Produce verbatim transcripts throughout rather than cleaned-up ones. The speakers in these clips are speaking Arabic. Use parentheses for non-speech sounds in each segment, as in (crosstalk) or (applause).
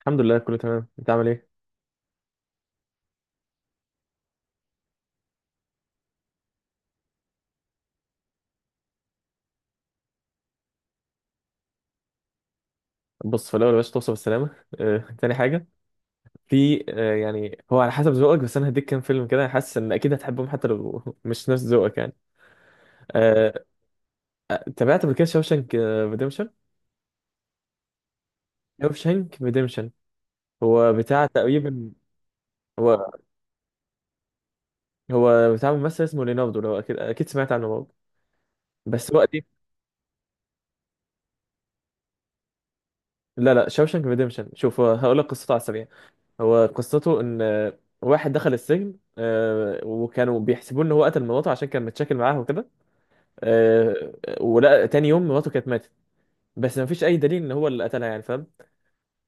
الحمد لله، كله تمام. انت عامل ايه؟ بص، في الاول يا باشا، توصف السلامه. (laughs) آه، تاني حاجه. في آه، يعني هو على حسب ذوقك، بس انا هديك كام فيلم كده حاسس ان اكيد هتحبهم حتى لو (laughs) مش نفس ذوقك يعني. آه، آه، تابعت قبل كده شوشانك ريديمشن. شوشانك ريديمشن، هو بتاع تقريبا. هو هو بتاع ممثل اسمه ليناردو، لو اكيد اكيد سمعت عنه برضه. بس هو قديم. لا لا، شوشانك ريديمشن. شوف، هو هقول لك قصته على السريع. هو قصته ان آه، واحد دخل السجن، آه، وكانوا بيحسبوه ان هو قتل مراته عشان كان متشاكل معاها وكده. آه، ولا تاني يوم مراته كانت ماتت، بس ما فيش اي دليل ان هو اللي قتلها، يعني فاهم.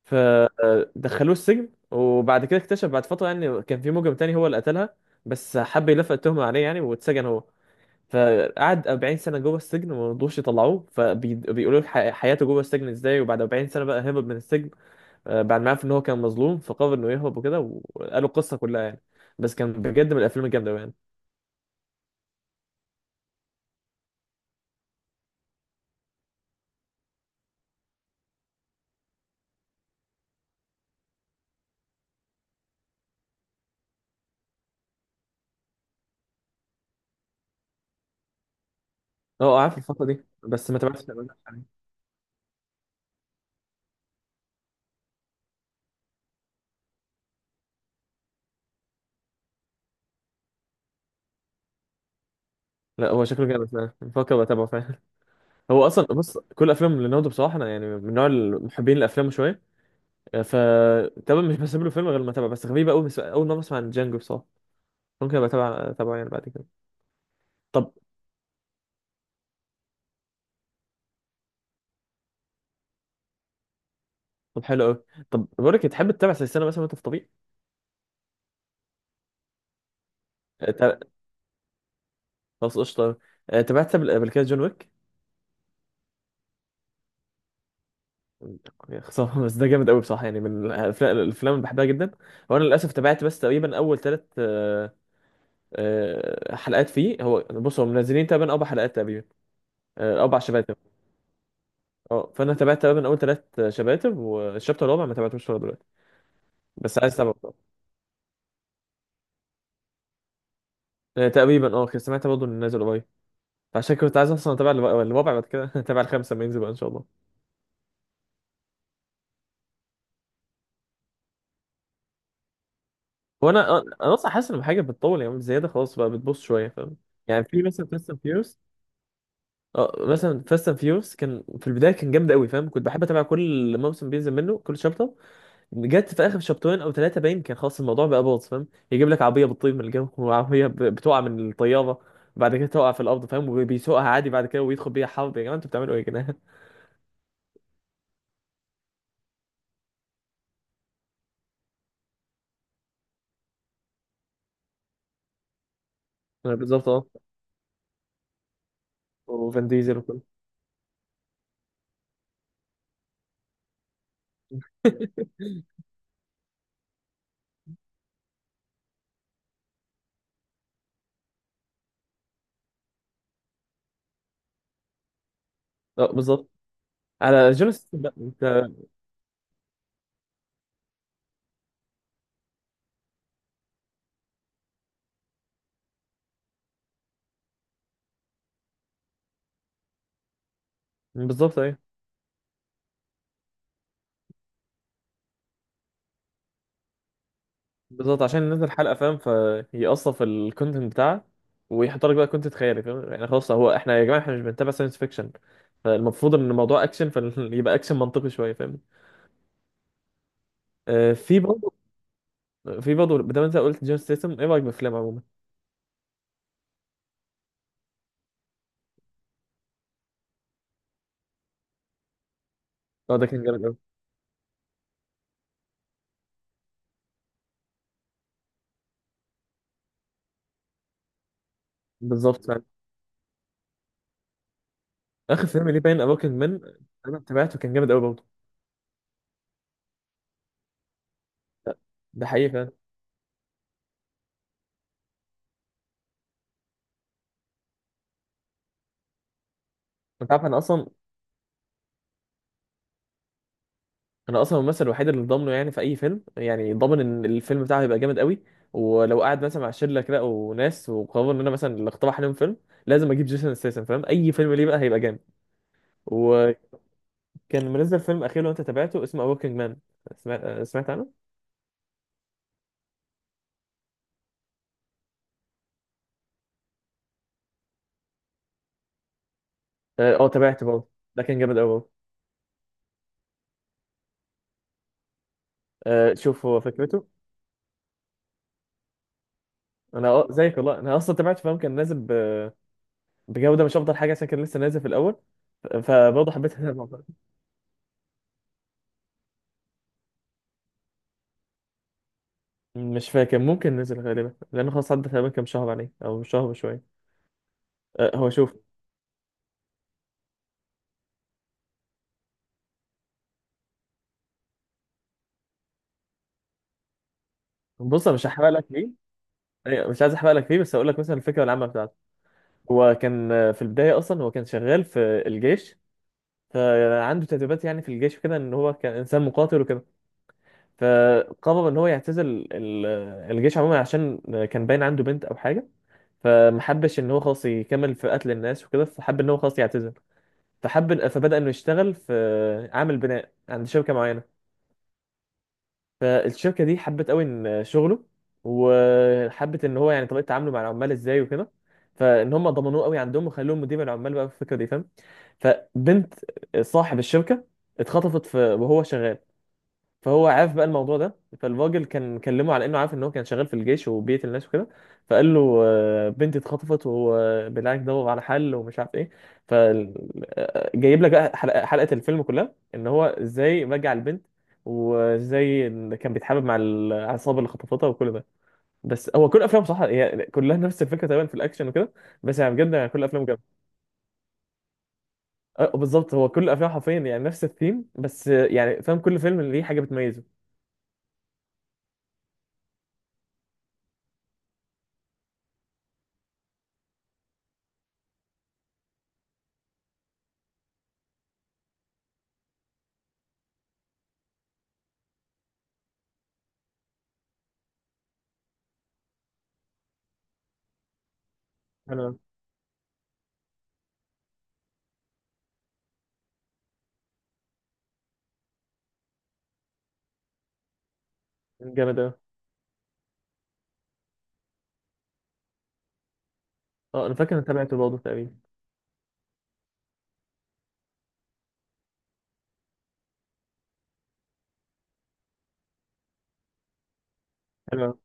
فدخلوه السجن وبعد كده اكتشف بعد فتره يعني كان في مجرم تاني هو اللي قتلها، بس حب يلفق التهمه عليه يعني، واتسجن هو. فقعد 40 سنه جوه السجن وما رضوش يطلعوه، فبيقولوا له ح- حياته جوه السجن ازاي، وبعد 40 سنه بقى هرب من السجن. آه، بعد ما عرف ان هو كان مظلوم فقرر انه يهرب وكده. وقالوا القصه كلها يعني. بس كان بجد من الافلام الجامده يعني. اه عارف الفتره دي، بس ما تابعتش. لا هو شكله جامد فعلا، بفكر اتابعه فعلا. هو اصلا بص كل افلام ليوناردو بصراحه، انا يعني من نوع المحبين الافلام شويه. ف تمام، مش بسيب له فيلم غير لما اتابعه، بس غريبه قوي، بس اول مره اسمع عن جانجو بصراحه. ممكن ابقى اتابع اتابعه يعني بعد كده. طب طب حلو قوي. طب بقول لك إيه، تحب تتابع سلسله مثلا وانت في طريق؟ تا- خلاص قشطه. آه، تابعت قبل قبل كده جون ويك. يا خساره. (laughs) بس ده جامد قوي بصراحه، يعني من الأف- الافلام اللي بحبها جدا. هو انا للاسف تابعت بس تقريبا اول ثلاث حلقات فيه. هو بص هم منزلين تقريبا اربع حلقات تقريبا. آه، اربع شباتر. اه، فانا تابعت تقريبا اول ثلاث شباتب، والشابتر الرابع ما تابعتوش لغايه دلوقتي. بس عايز اتابعه طبعا. آه، تقريبا اه كنت سمعت برضه انه نازل قريب. فعشان كنت عايز اصلا اتابع الرابع الرابع بعد كده (laughs) اتابع الخامسه لما ينزل بقى ان شاء الله. هو انا آه، انا اصلا حاسس ان حاجه بتطول يعني زياده، خلاص بقى بتبص شويه فاهم. يعني في مثلا فاست اند فيوس. اه مثلا فاست اند فيوس كان في البدايه كان جامد قوي فاهم، كنت بحب اتابع كل موسم بينزل منه كل شابتر. جت في اخر شابترين او ثلاثه باين كان خلاص الموضوع بقى باظ فاهم. يجيب لك عربيه بتطير من الجو، وعربيه ب- بتقع من الطياره، بعد كده تقع في الارض فاهم، وبيسوقها عادي بعد كده، ويدخل بيها حرب. يا جماعه، انتوا بتعملوا ايه يا جدعان؟ (laughs) بالظبط اه. وفان ديزل وكله. (laughs) اه بالظبط. على جون ستيثم بقى انت. بالظبط ايه. بالظبط، عشان ننزل حلقه فاهم، فيقصف في الكونتنت بتاعه، ويحط لك بقى كونتنت خيالي فاهم، يعني خلاص، هو احنا يا جماعه احنا مش بنتابع ساينس فيكشن. فالمفروض ان الموضوع اكشن فيبقى (laughs) اكشن منطقي شويه فاهم. آه، في برضه في برضه بدل انت قلت جون ستيتم، ايه رايك بالافلام عموما؟ اه ده كان جامد قوي. بالظبط فعلا. اخر فيلم ليه باين ابوكينج مان. انا تابعته كان جامد قوي برضه. ده ده حقيقي فعلا. انت عارف انا اصلا انا اصلا الممثل الوحيد اللي ضامنه، يعني في اي فيلم يعني ضامن ان الفيلم بتاعه هيبقى جامد قوي. ولو قاعد مثلا مع شله كده وناس وقرروا ان انا مثلا اللي اقترح عليهم فيلم، لازم اجيب جيسون ستيتم، فاهم اي فيلم ليه بقى هيبقى جامد. وكان منزل فيلم اخير لو انت تابعته اسمه ابوكينج مان. سمعت سمعت عنه؟ اه، آه، تابعته برضه. ده كان جامد قوي برضه. آه، شوف هو فكرته. انا أه زيك والله، انا اصلا تابعت فاهم، كان نازل ب... بجوده مش افضل حاجه عشان كان لسه نازل في الاول. فبرضه حبيت أتابع الموضوع. مش فاكر، ممكن نزل غالبا لانه خلاص عدى تقريبا كام شهر عليه او شهر وشويه. أه هو شوف. بص انا مش هحرق لك فيه. أيوة، مش عايز احرق لك فيه، بس هقول لك مثلا الفكره العامه بتاعته. هو كان آه، في البدايه اصلا هو كان شغال في الجيش. فعنده تدريبات يعني في الجيش وكده، ان هو كان انسان مقاتل وكده. فقرر ان هو يعتزل ال- الجيش عموما، عشان كان باين عنده بنت او حاجه. فمحبش ان هو خلاص يكمل في قتل الناس وكده، فحب ان هو خلاص يعتزل. فحب فبدأ انه يشتغل في عامل بناء عند شركة معينة. فالشركة دي حبت قوي ان شغله، وحبت ان هو يعني طريقة تعامله مع العمال ازاي وكده، فان هم ضمنوه قوي عندهم وخلوه مدير العمال بقى في الفكرة دي فاهم. فبنت صاحب الشركة اتخطفت في وهو شغال. فهو عارف بقى الموضوع ده، فالراجل كان كلمه على انه عارف ان هو كان شغال في الجيش وبيقتل الناس وكده. فقال له آه، بنتي اتخطفت، وبالعكس دور على حل ومش عارف ايه. فجايب لك بقى حلقه حلقة الفيلم كلها، ان هو ازاي رجع البنت، وازاي إن كان بيتحابب مع العصابه اللي خطفتها وكل ده. بس هو كل افلامه صح هي كلها نفس الفكره تقريبا في الاكشن وكده، بس يعني بجد يعني كل افلامه جامده. آه، بالظبط، هو كل افلامه حرفيا يعني نفس الثيم، بس آه، يعني فاهم كل فيلم ليه حاجه بتميزه. انا جامد أوي. اه انا فاكر اني تابعته برضه تقريبا. حلو أوي.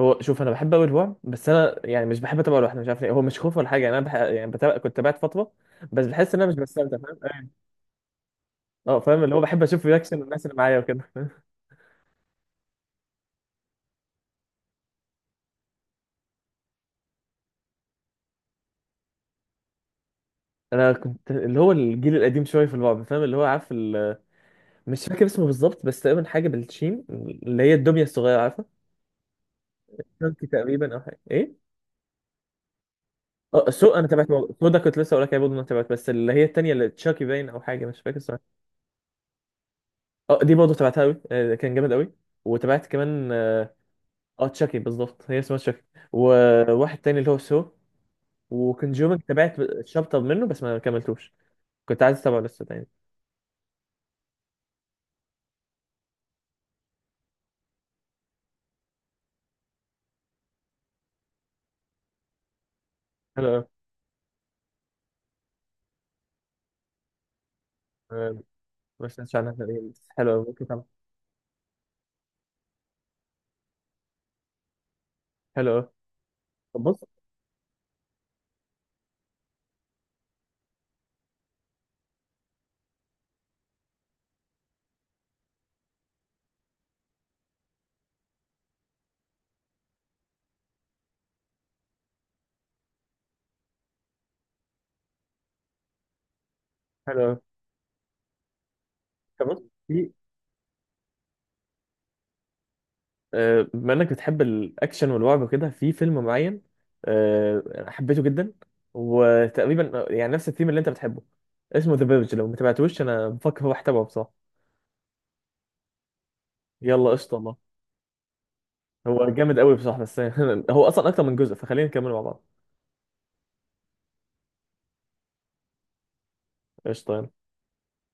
هو شوف، انا بحب قوي الرعب، بس انا يعني مش بحب اتابعه لوحدي، مش عارف ليه، هو مش خوف ولا حاجه، يعني انا بح... يعني بتابع كنت تابعت فتره، بس بحس ان انا مش بستمتع فاهم. أيوة. اه فاهم، اللي هو بحب اشوف رياكشن الناس اللي معايا وكده. (laughs) انا كنت اللي هو الجيل القديم شويه في الرعب فاهم، اللي هو عارف ال... مش فاكر اسمه بالظبط، بس تقريبا حاجه بالشين، اللي هي الدميه الصغيره عارفه، شانكي تقريبا او حاجه ايه. اه سو، انا تابعت سو ده، كنت لسه اقول لك يا، برضه انا تابعت، بس اللي هي التانيه اللي تشاكي باين او حاجه مش فاكر. اه دي برضه تبعتها قوي. كان جامد قوي. وتابعت كمان اه. آه، تشاكي بالظبط هي اسمها تشاكي. وواحد تاني اللي هو سو. وكونجومنج تابعت شابتر منه بس ما كملتوش. كنت عايز اتابعه لسه تاني. حلو قوي. آه، ما سمعتش عنها تقريباً، بس حلو قوي ممكن اتابعه. حلو قوي طب بص حلو قوي طب بص في آه، بما انك بتحب الاكشن والرعب وكده في فيلم معين. آه، حبيته جدا، وتقريبا آه، يعني نفس الثيم اللي انت بتحبه. اسمه ذا فيرج، لو ما تابعتوش انا بفكر هو تابعه بصراحه. يلا قشطه والله. هو جامد قوي بصراحه بس (laughs) هو اصلا اكتر من جزء، فخلينا نكمل مع بعض. قشطه يلا.